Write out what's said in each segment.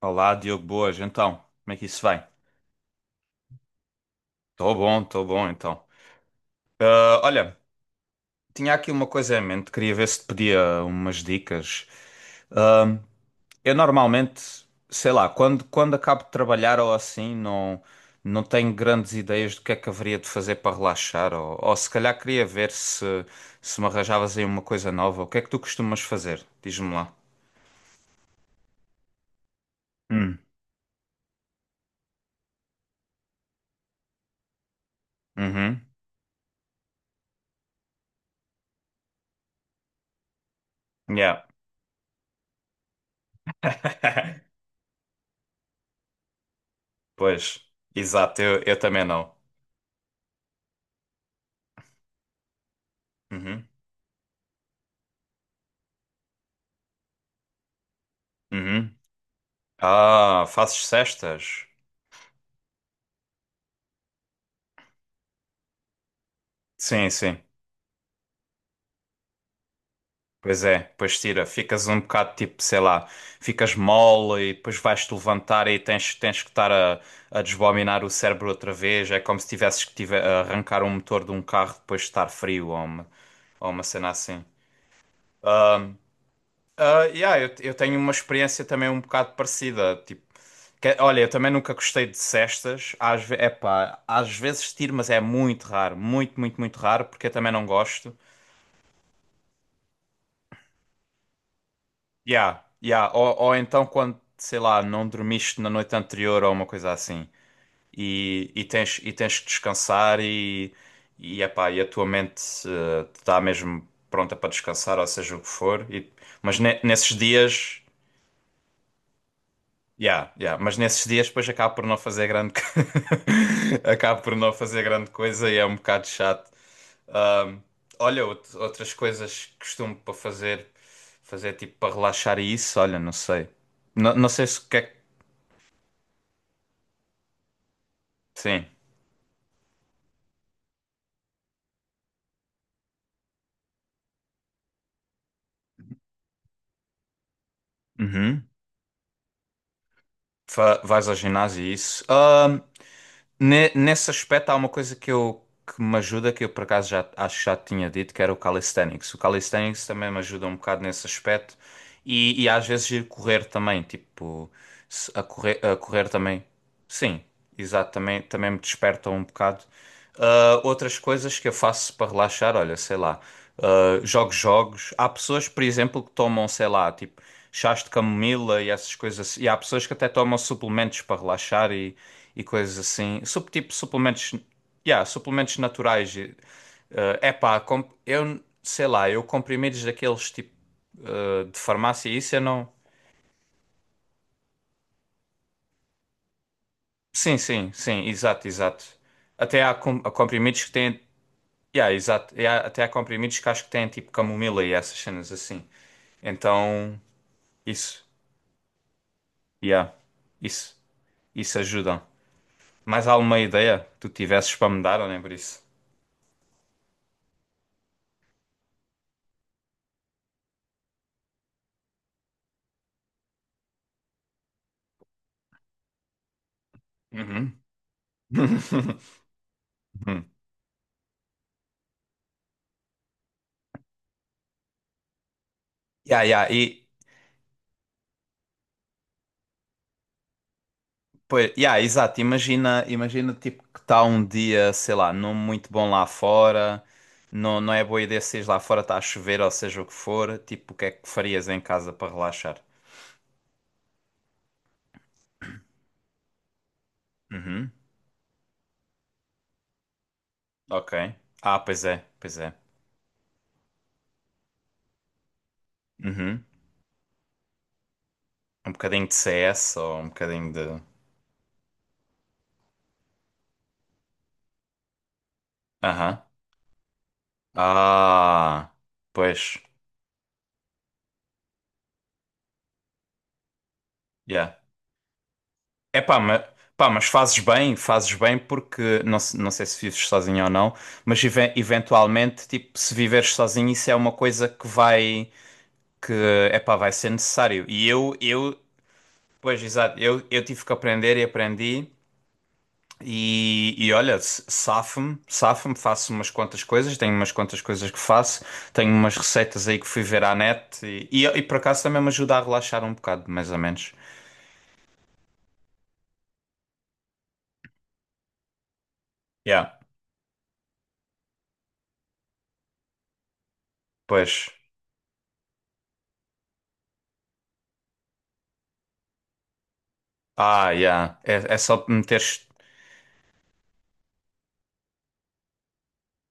Olá, Diogo, boas. Então, como é que isso vai? Estou bom, então. Ah, olha, tinha aqui uma coisa em mente, queria ver se te pedia umas dicas. Ah, eu normalmente, sei lá, quando acabo de trabalhar ou assim, não, não tenho grandes ideias do que é que haveria de fazer para relaxar, ou se calhar queria ver se, se me arranjavas aí uma coisa nova. O que é que tu costumas fazer? Diz-me lá. Hum, uhum, yeah. Pois, exato, eu também não. Uhum. Uhum. Ah, fazes cestas? Sim, sim. Pois é, pois tira. Ficas um bocado tipo, sei lá, ficas mole e depois vais-te levantar e tens que estar a desbominar o cérebro outra vez. É como se tivesses que tive, a arrancar um motor de um carro depois de estar frio ou uma cena assim. Ah, yeah, eu tenho uma experiência também um bocado parecida. Tipo, olha, eu também nunca gostei de cestas. Às, epá, às vezes tiro, mas é muito raro. Muito, muito, muito raro, porque eu também não gosto. Yeah, yeah. Ou então quando, sei lá, não dormiste na noite anterior ou uma coisa assim e, e tens que descansar e, epá, e a tua mente está mesmo pronta para descansar, ou seja o que for. Mas nesses dias. Yeah, yeah. Mas nesses dias depois acabo por não fazer acabo por não fazer grande coisa e é um bocado chato. Ahm, olha, outras coisas que costumo para fazer, fazer tipo para relaxar e isso, olha, não sei. Não, não sei se o que é que. Sim. Uhum. Vais ao ginásio e isso. Nesse aspecto, há uma coisa que me ajuda, que eu por acaso já acho que já te tinha dito, que era o calisthenics. O calisthenics também me ajuda um bocado nesse aspecto e às vezes ir correr também, tipo, a correr também. Sim, exato, também, também me desperta um bocado. Ah, outras coisas que eu faço para relaxar, olha, sei lá, ah, jogo jogos. Há pessoas, por exemplo, que tomam, sei lá, tipo, chás de camomila e essas coisas assim. E há pessoas que até tomam suplementos para relaxar e coisas assim. Sup, tipo suplementos, yeah, suplementos naturais. E, eh, epá, eu sei lá, eu comprimidos daqueles tipo de farmácia, isso eu não. Sim, sim, sim, exato, exato. Até há, há comprimidos que têm. Yeah, exato. E até há comprimidos que acho que têm tipo camomila e essas cenas assim. Então, isso. Yeah, isso. Isso ajuda. Mais alguma ideia que tu tivesses para me dar, ou nem por isso? Uhum. Uhum. Yeah, yeah. Pois, yeah, exato. Imagina, imagina tipo que está um dia, sei lá, não muito bom lá fora, não, não é boa ideia se lá fora está a chover ou seja o que for, tipo, o que é que farias em casa para relaxar? Uhum, ok. Ah, pois é, pois é. Uhum. Um bocadinho de CS ou um bocadinho de. Aham. Ah, pois, yeah. É pá, mas fazes bem porque não, não sei se vives sozinho ou não, mas eventualmente, tipo, se viveres sozinho, isso é uma coisa que vai, que é pá, vai ser necessário. Pois exato, eu tive que aprender e aprendi. E olha, safo-me, safo-me, faço umas quantas coisas, tenho umas quantas coisas que faço, tenho umas receitas aí que fui ver à net e por acaso também me ajuda a relaxar um bocado, mais ou menos. Yeah, pois. Ah, yeah. É, é só meteres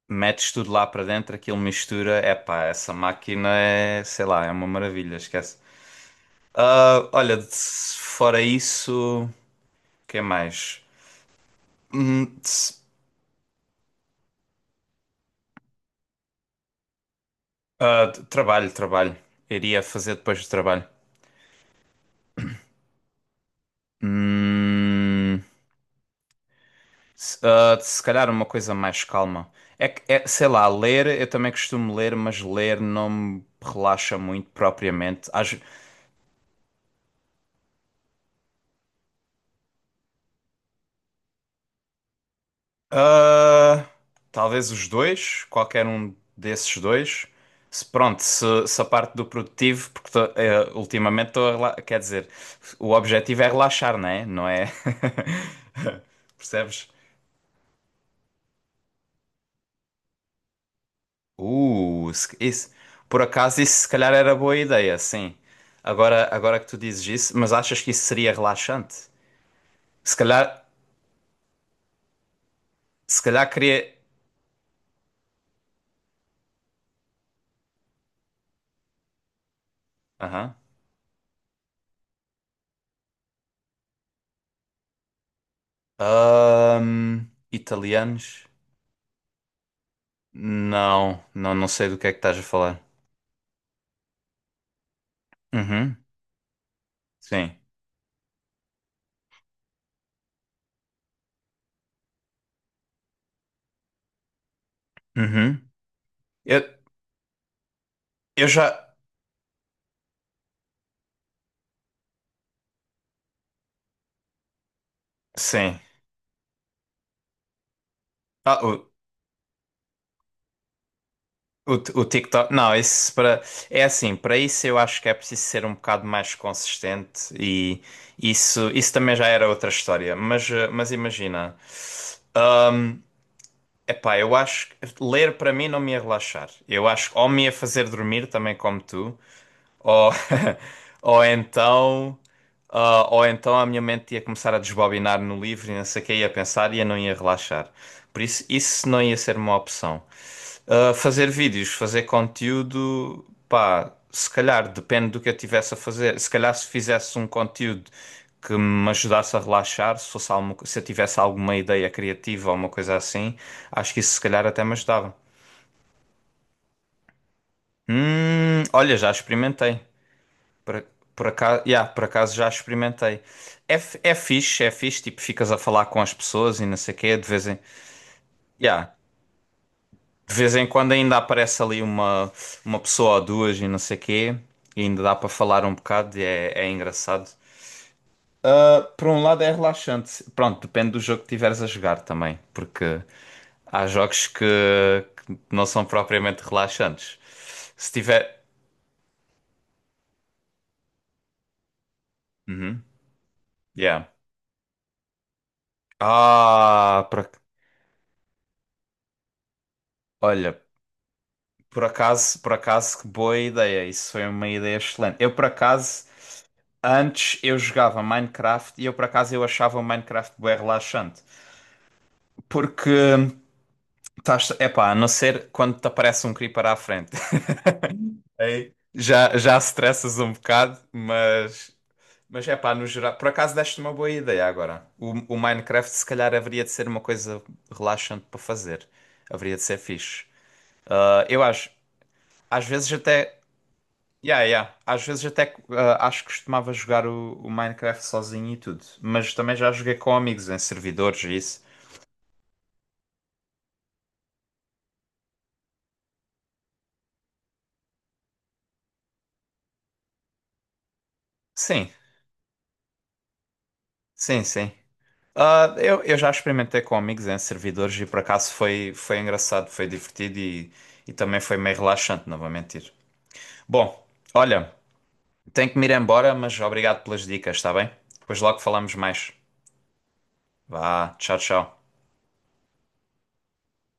metes tudo lá para dentro, aquilo mistura. Epá, essa máquina é, sei lá, é uma maravilha, esquece. Ah, olha, fora isso, o que mais? Tss, ah, trabalho, trabalho. Iria fazer depois do trabalho. Hum, se, ah, se calhar uma coisa mais calma. É que, é, sei lá, ler, eu também costumo ler, mas ler não me relaxa muito propriamente. Às, ah, talvez os dois, qualquer um desses dois. Se, pronto, se a parte do produtivo, porque tô, eh, ultimamente estou a quer dizer, o objetivo é relaxar, não é? Não é? Percebes? Isso. Por acaso isso se calhar era boa ideia, sim. Agora, agora que tu dizes isso, mas achas que isso seria relaxante? Se calhar, se calhar queria. Aham. Ahm, italianos. Não, não, não sei do que é que estás a falar. Uhum, sim. Uhum. Eu, eu já. Sim. Ah, o, o TikTok. Não, isso para. É assim, para isso eu acho que é preciso ser um bocado mais consistente e isso também já era outra história. Mas, eh, mas imagina. Epá, eu acho que ler para mim não me ia relaxar. Eu acho que ou me ia fazer dormir também como tu, ou, ou então, ah, ou então a minha mente ia começar a desbobinar no livro e não sei o que ia pensar e eu não ia relaxar. Por isso, isso não ia ser uma opção. Ah, fazer vídeos, fazer conteúdo, pá, se calhar depende do que eu tivesse a fazer. Se calhar se fizesse um conteúdo que me ajudasse a relaxar, se fosse alguma, se eu tivesse alguma ideia criativa ou uma coisa assim, acho que isso se calhar até me ajudava. Olha, já experimentei. Por, por acaso, yeah, por acaso já experimentei. É, é fixe, tipo, ficas a falar com as pessoas e não sei o quê, de vez em, yeah, de vez em quando ainda aparece ali uma pessoa ou duas e não sei o quê, e ainda dá para falar um bocado e é, é engraçado. Ah, por um lado é relaxante, pronto, depende do jogo que tiveres a jogar também, porque há jogos que não são propriamente relaxantes. Se tiver... Uhum, yeah. Ah, olha... por acaso, que boa ideia. Isso foi uma ideia excelente. Eu, por acaso, antes eu jogava Minecraft e eu, por acaso, eu achava o Minecraft bem relaxante. Porque, estás, epá, a não ser quando te aparece um creeper à frente. Aí já, já stressas um bocado, mas... Mas, epá, no geral... Por acaso, deste uma boa ideia agora. O Minecraft, se calhar, haveria de ser uma coisa relaxante para fazer. Haveria de ser fixe. Ah, eu acho... Às vezes até yeah, yeah. Às vezes até ah, acho que costumava jogar o Minecraft sozinho e tudo, mas também já joguei com amigos em servidores e isso. Sim, sim, sim. Ah, eu já experimentei com amigos em servidores e por acaso foi, foi engraçado, foi divertido e também foi meio relaxante, não vou mentir. Bom, olha, tenho que me ir embora, mas obrigado pelas dicas, está bem? Depois logo falamos mais. Vá, tchau, tchau.